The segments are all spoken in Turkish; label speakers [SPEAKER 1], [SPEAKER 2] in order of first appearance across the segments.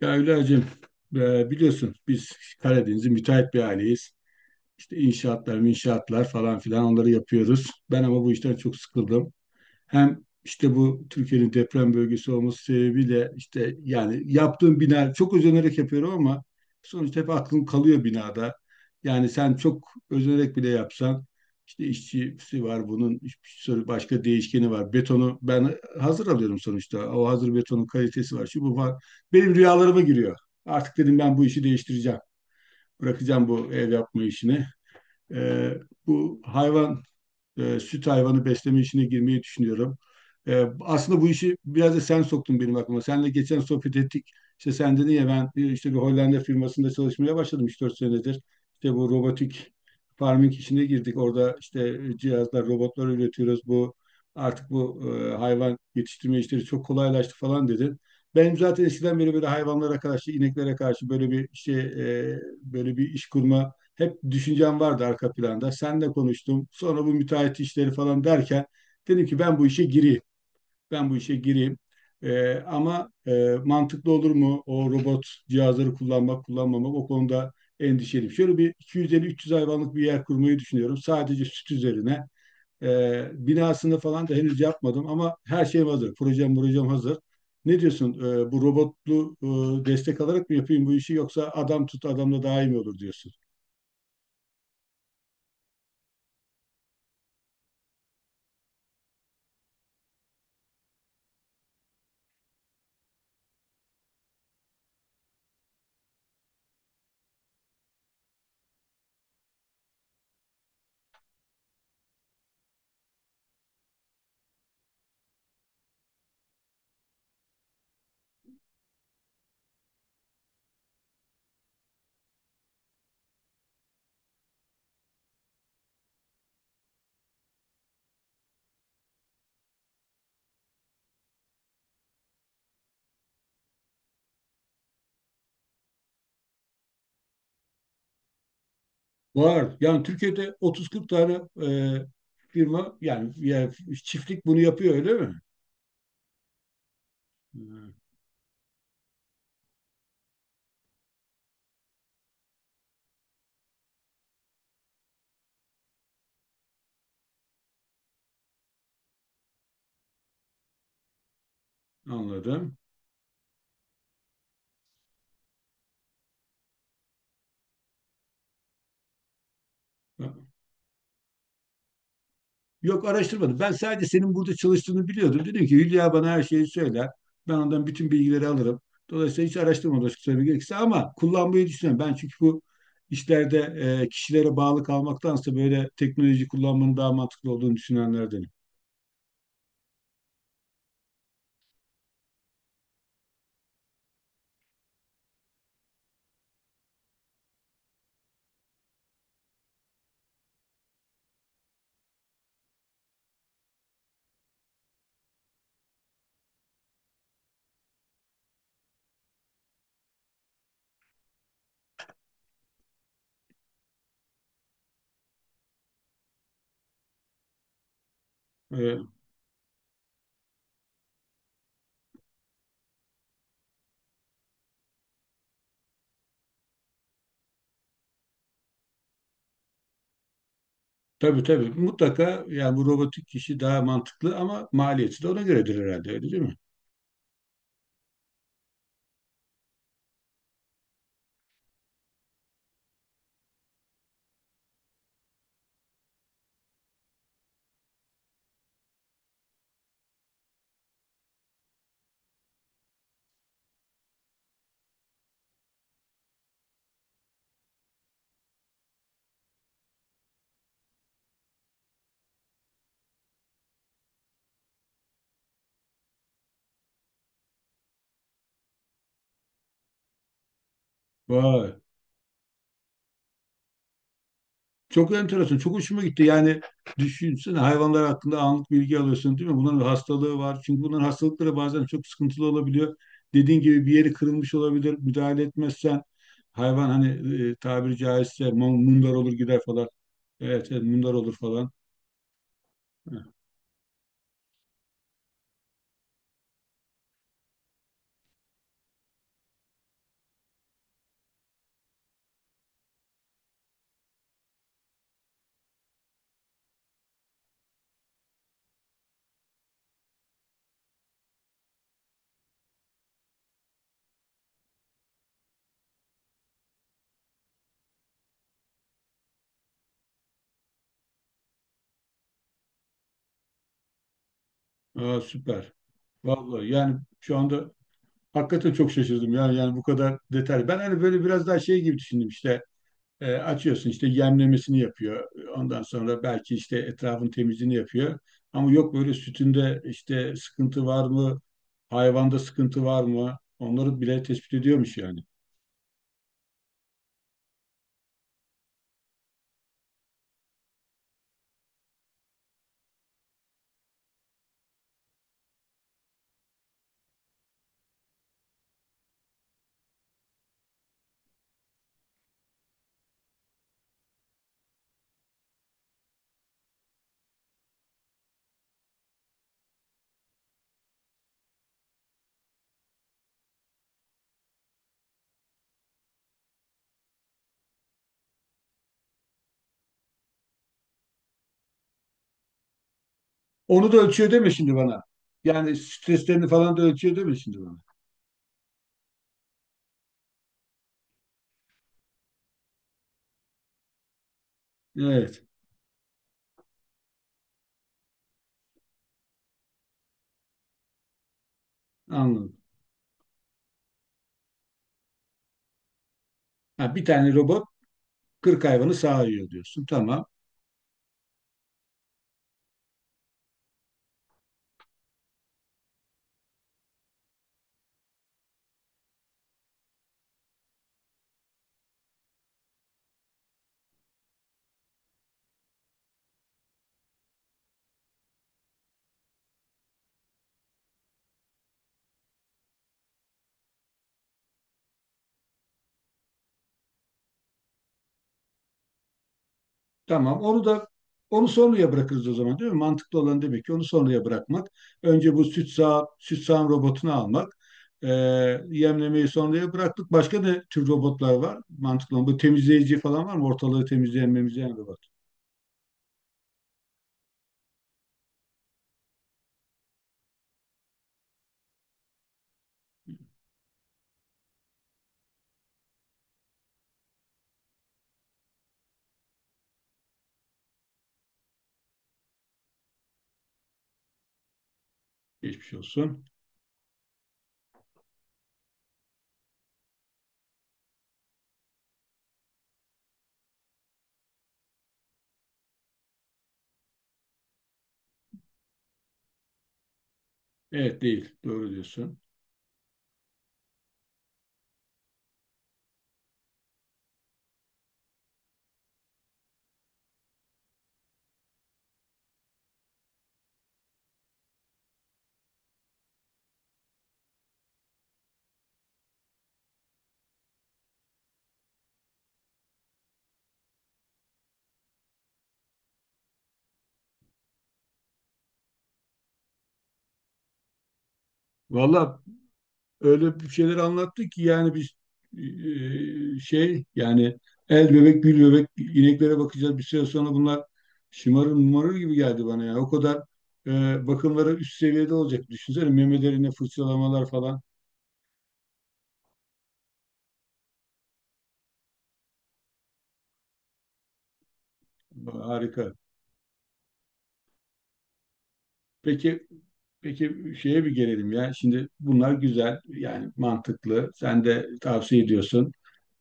[SPEAKER 1] Ya Hülya'cığım, biliyorsun biz Karadeniz'in müteahhit bir aileyiz. İşte inşaatlar, inşaatlar falan filan onları yapıyoruz. Ben ama bu işten çok sıkıldım. Hem işte bu Türkiye'nin deprem bölgesi olması sebebiyle işte yani yaptığım bina çok özenerek yapıyorum ama sonuçta hep aklım kalıyor binada. Yani sen çok özenerek bile yapsan işte işçisi var, bunun bir sürü başka değişkeni var. Betonu ben hazır alıyorum sonuçta. O hazır betonun kalitesi var. Şu bu var. Benim rüyalarıma giriyor. Artık dedim ben bu işi değiştireceğim. Bırakacağım bu ev yapma işini. Ee, bu hayvan, süt hayvanı besleme işine girmeyi düşünüyorum. Aslında bu işi biraz da sen soktun benim aklıma. Seninle geçen sohbet ettik. İşte sen dedin ya, ben işte bir Hollanda firmasında çalışmaya başladım 3-4 senedir. İşte bu robotik farming işine girdik. Orada işte cihazlar, robotlar üretiyoruz. Bu hayvan yetiştirme işleri çok kolaylaştı falan dedin. Benim zaten eskiden beri böyle hayvanlara karşı, ineklere karşı böyle bir şey, böyle bir iş kurma hep düşüncem vardı arka planda. Seninle konuştum. Sonra bu müteahhit işleri falan derken dedim ki ben bu işe gireyim. Ben bu işe gireyim. Ama mantıklı olur mu? O robot cihazları kullanmak, kullanmamak, o konuda endişeliyim. Şöyle bir 250-300 hayvanlık bir yer kurmayı düşünüyorum. Sadece süt üzerine. Binasını falan da henüz yapmadım ama her şeyim hazır. Projem, projem hazır. Ne diyorsun? Bu robotlu destek alarak mı yapayım bu işi, yoksa adam tut, adamla daha iyi mi olur diyorsun? Var. Yani Türkiye'de 30-40 tane e, firma yani, yani çiftlik bunu yapıyor öyle mi? Hı, anladım. Yok, araştırmadım. Ben sadece senin burada çalıştığını biliyordum. Dedim ki Hülya bana her şeyi söyler. Ben ondan bütün bilgileri alırım. Dolayısıyla hiç araştırmadım açık söylemek gerekirse, ama kullanmayı düşünüyorum. Ben çünkü bu işlerde kişilere bağlı kalmaktansa böyle teknoloji kullanmanın daha mantıklı olduğunu düşünenlerdenim. E, Tabii tabii, mutlaka yani bu robotik kişi daha mantıklı ama maliyeti de ona göredir herhalde, öyle değil mi? Vay. Çok enteresan, çok hoşuma gitti. Yani düşünsene, hayvanlar hakkında anlık bilgi alıyorsun değil mi? Bunların hastalığı var. Çünkü bunların hastalıkları bazen çok sıkıntılı olabiliyor. Dediğin gibi bir yeri kırılmış olabilir. Müdahale etmezsen hayvan hani tabiri caizse mundar olur gider falan. Evet, evet, mundar olur falan. Aa, süper. Vallahi yani şu anda hakikaten çok şaşırdım ya, yani bu kadar detay. Ben hani böyle biraz daha şey gibi düşündüm, işte açıyorsun işte yemlemesini yapıyor. Ondan sonra belki işte etrafın temizliğini yapıyor. Ama yok, böyle sütünde işte sıkıntı var mı? Hayvanda sıkıntı var mı? Onları bile tespit ediyormuş yani. Onu da ölçüyor deme şimdi bana. Yani streslerini falan da ölçüyor deme şimdi bana. Evet, anladım. Ha, bir tane robot 40 hayvanı sağıyor diyorsun. Tamam. Tamam. Onu sonraya bırakırız o zaman değil mi? Mantıklı olan demek ki onu sonraya bırakmak. Önce bu süt sağım robotunu almak. Ee, yemlemeyi sonraya bıraktık. Başka ne tür robotlar var? Mantıklı olan. Bu temizleyici falan var mı? Ortalığı temizleyen, memizleyen robot. Geçmiş olsun. Evet, değil. Doğru diyorsun. Valla, öyle bir şeyler anlattı ki yani biz şey yani el bebek gül bebek ineklere bakacağız, bir süre sonra bunlar şımarır mumarır gibi geldi bana ya, o kadar bakımları üst seviyede olacak, düşünsene memelerine fırçalamalar falan, harika. Peki, peki şeye bir gelelim ya, şimdi bunlar güzel yani mantıklı, sen de tavsiye ediyorsun.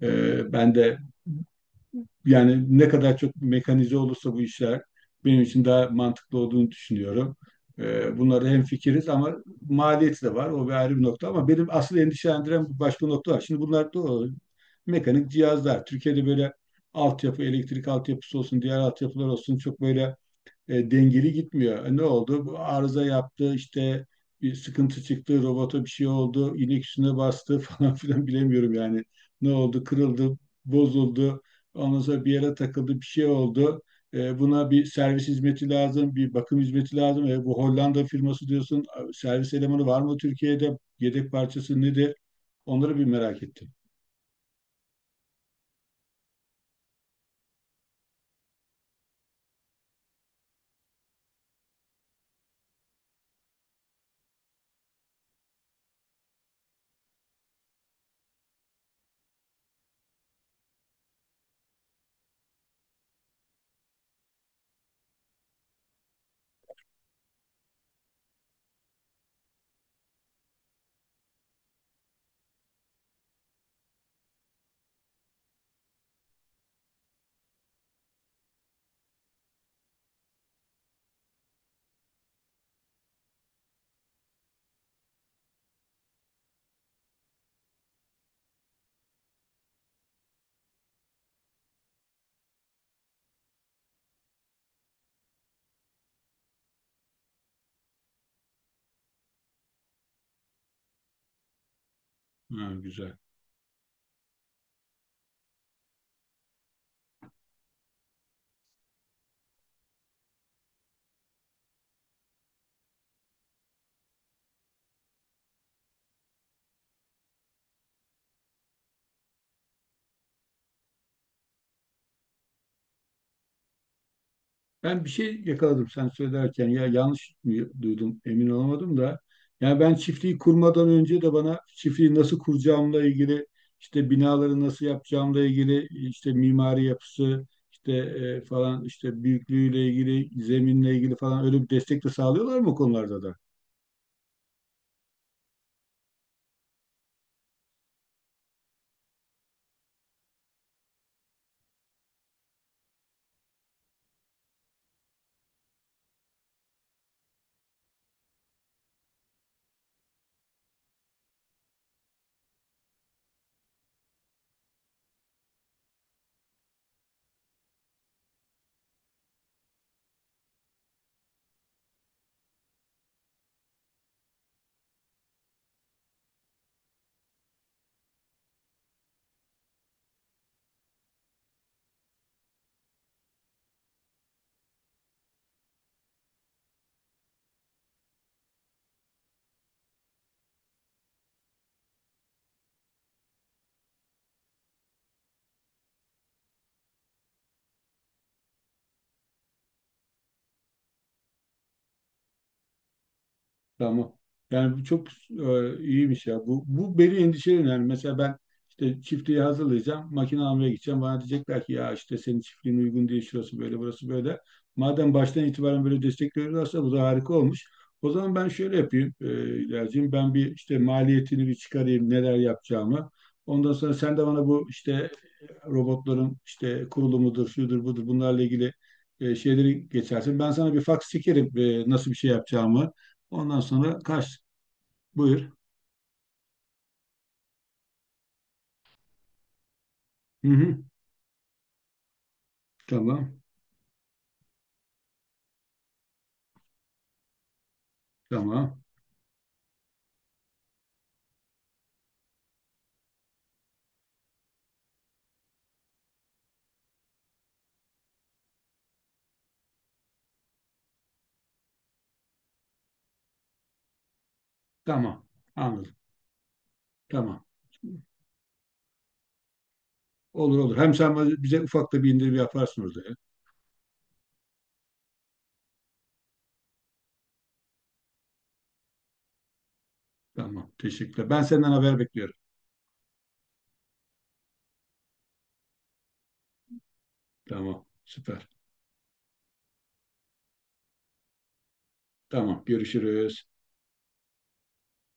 [SPEAKER 1] Ben de yani ne kadar çok mekanize olursa bu işler benim için daha mantıklı olduğunu düşünüyorum. Bunlarda hemfikiriz ama maliyeti de var. O bir ayrı bir nokta, ama benim asıl endişelendiren bir başka nokta var. Şimdi bunlar da o mekanik cihazlar. Türkiye'de böyle altyapı, elektrik altyapısı olsun, diğer altyapılar olsun çok böyle dengeli gitmiyor. E, ne oldu? Bu arıza yaptı, işte bir sıkıntı çıktı, robota bir şey oldu, inek üstüne bastı falan filan, bilemiyorum yani. Ne oldu? Kırıldı, bozuldu. Ondan sonra bir yere takıldı, bir şey oldu. E, buna bir servis hizmeti lazım, bir bakım hizmeti lazım. E, bu Hollanda firması diyorsun, servis elemanı var mı Türkiye'de? Yedek parçası nedir? Onları bir merak ettim. Ha, güzel. Ben bir şey yakaladım sen söylerken, ya yanlış mı duydum, emin olamadım da. Yani ben çiftliği kurmadan önce de bana çiftliği nasıl kuracağımla ilgili, işte binaları nasıl yapacağımla ilgili, işte mimari yapısı işte falan, işte büyüklüğüyle ilgili, zeminle ilgili falan, öyle bir destek de sağlıyorlar mı o konularda da? Tamam. Yani bu çok iyiymiş ya. Bu beni endişeleniyor. Yani mesela ben işte çiftliği hazırlayacağım. Makine almaya gideceğim. Bana diyecekler ki ya işte senin çiftliğin uygun değil. Şurası böyle, burası böyle. Madem baştan itibaren böyle destek veriyorlarsa bu da harika olmuş. O zaman ben şöyle yapayım İlkerciğim. Ben bir işte maliyetini bir çıkarayım. Neler yapacağımı. Ondan sonra sen de bana bu işte robotların işte kurulumudur, şudur budur, bunlarla ilgili şeyleri geçersin. Ben sana bir fax çekerim, nasıl bir şey yapacağımı. Ondan sonra kaç. Buyur. Hı hı. Tamam. Tamam. Tamam. Anladım. Tamam. Olur olur. Hem sen bize ufak da bir indirim yaparsın orada ya. Tamam. Teşekkürler. Ben senden haber bekliyorum. Tamam. Süper. Tamam. Görüşürüz.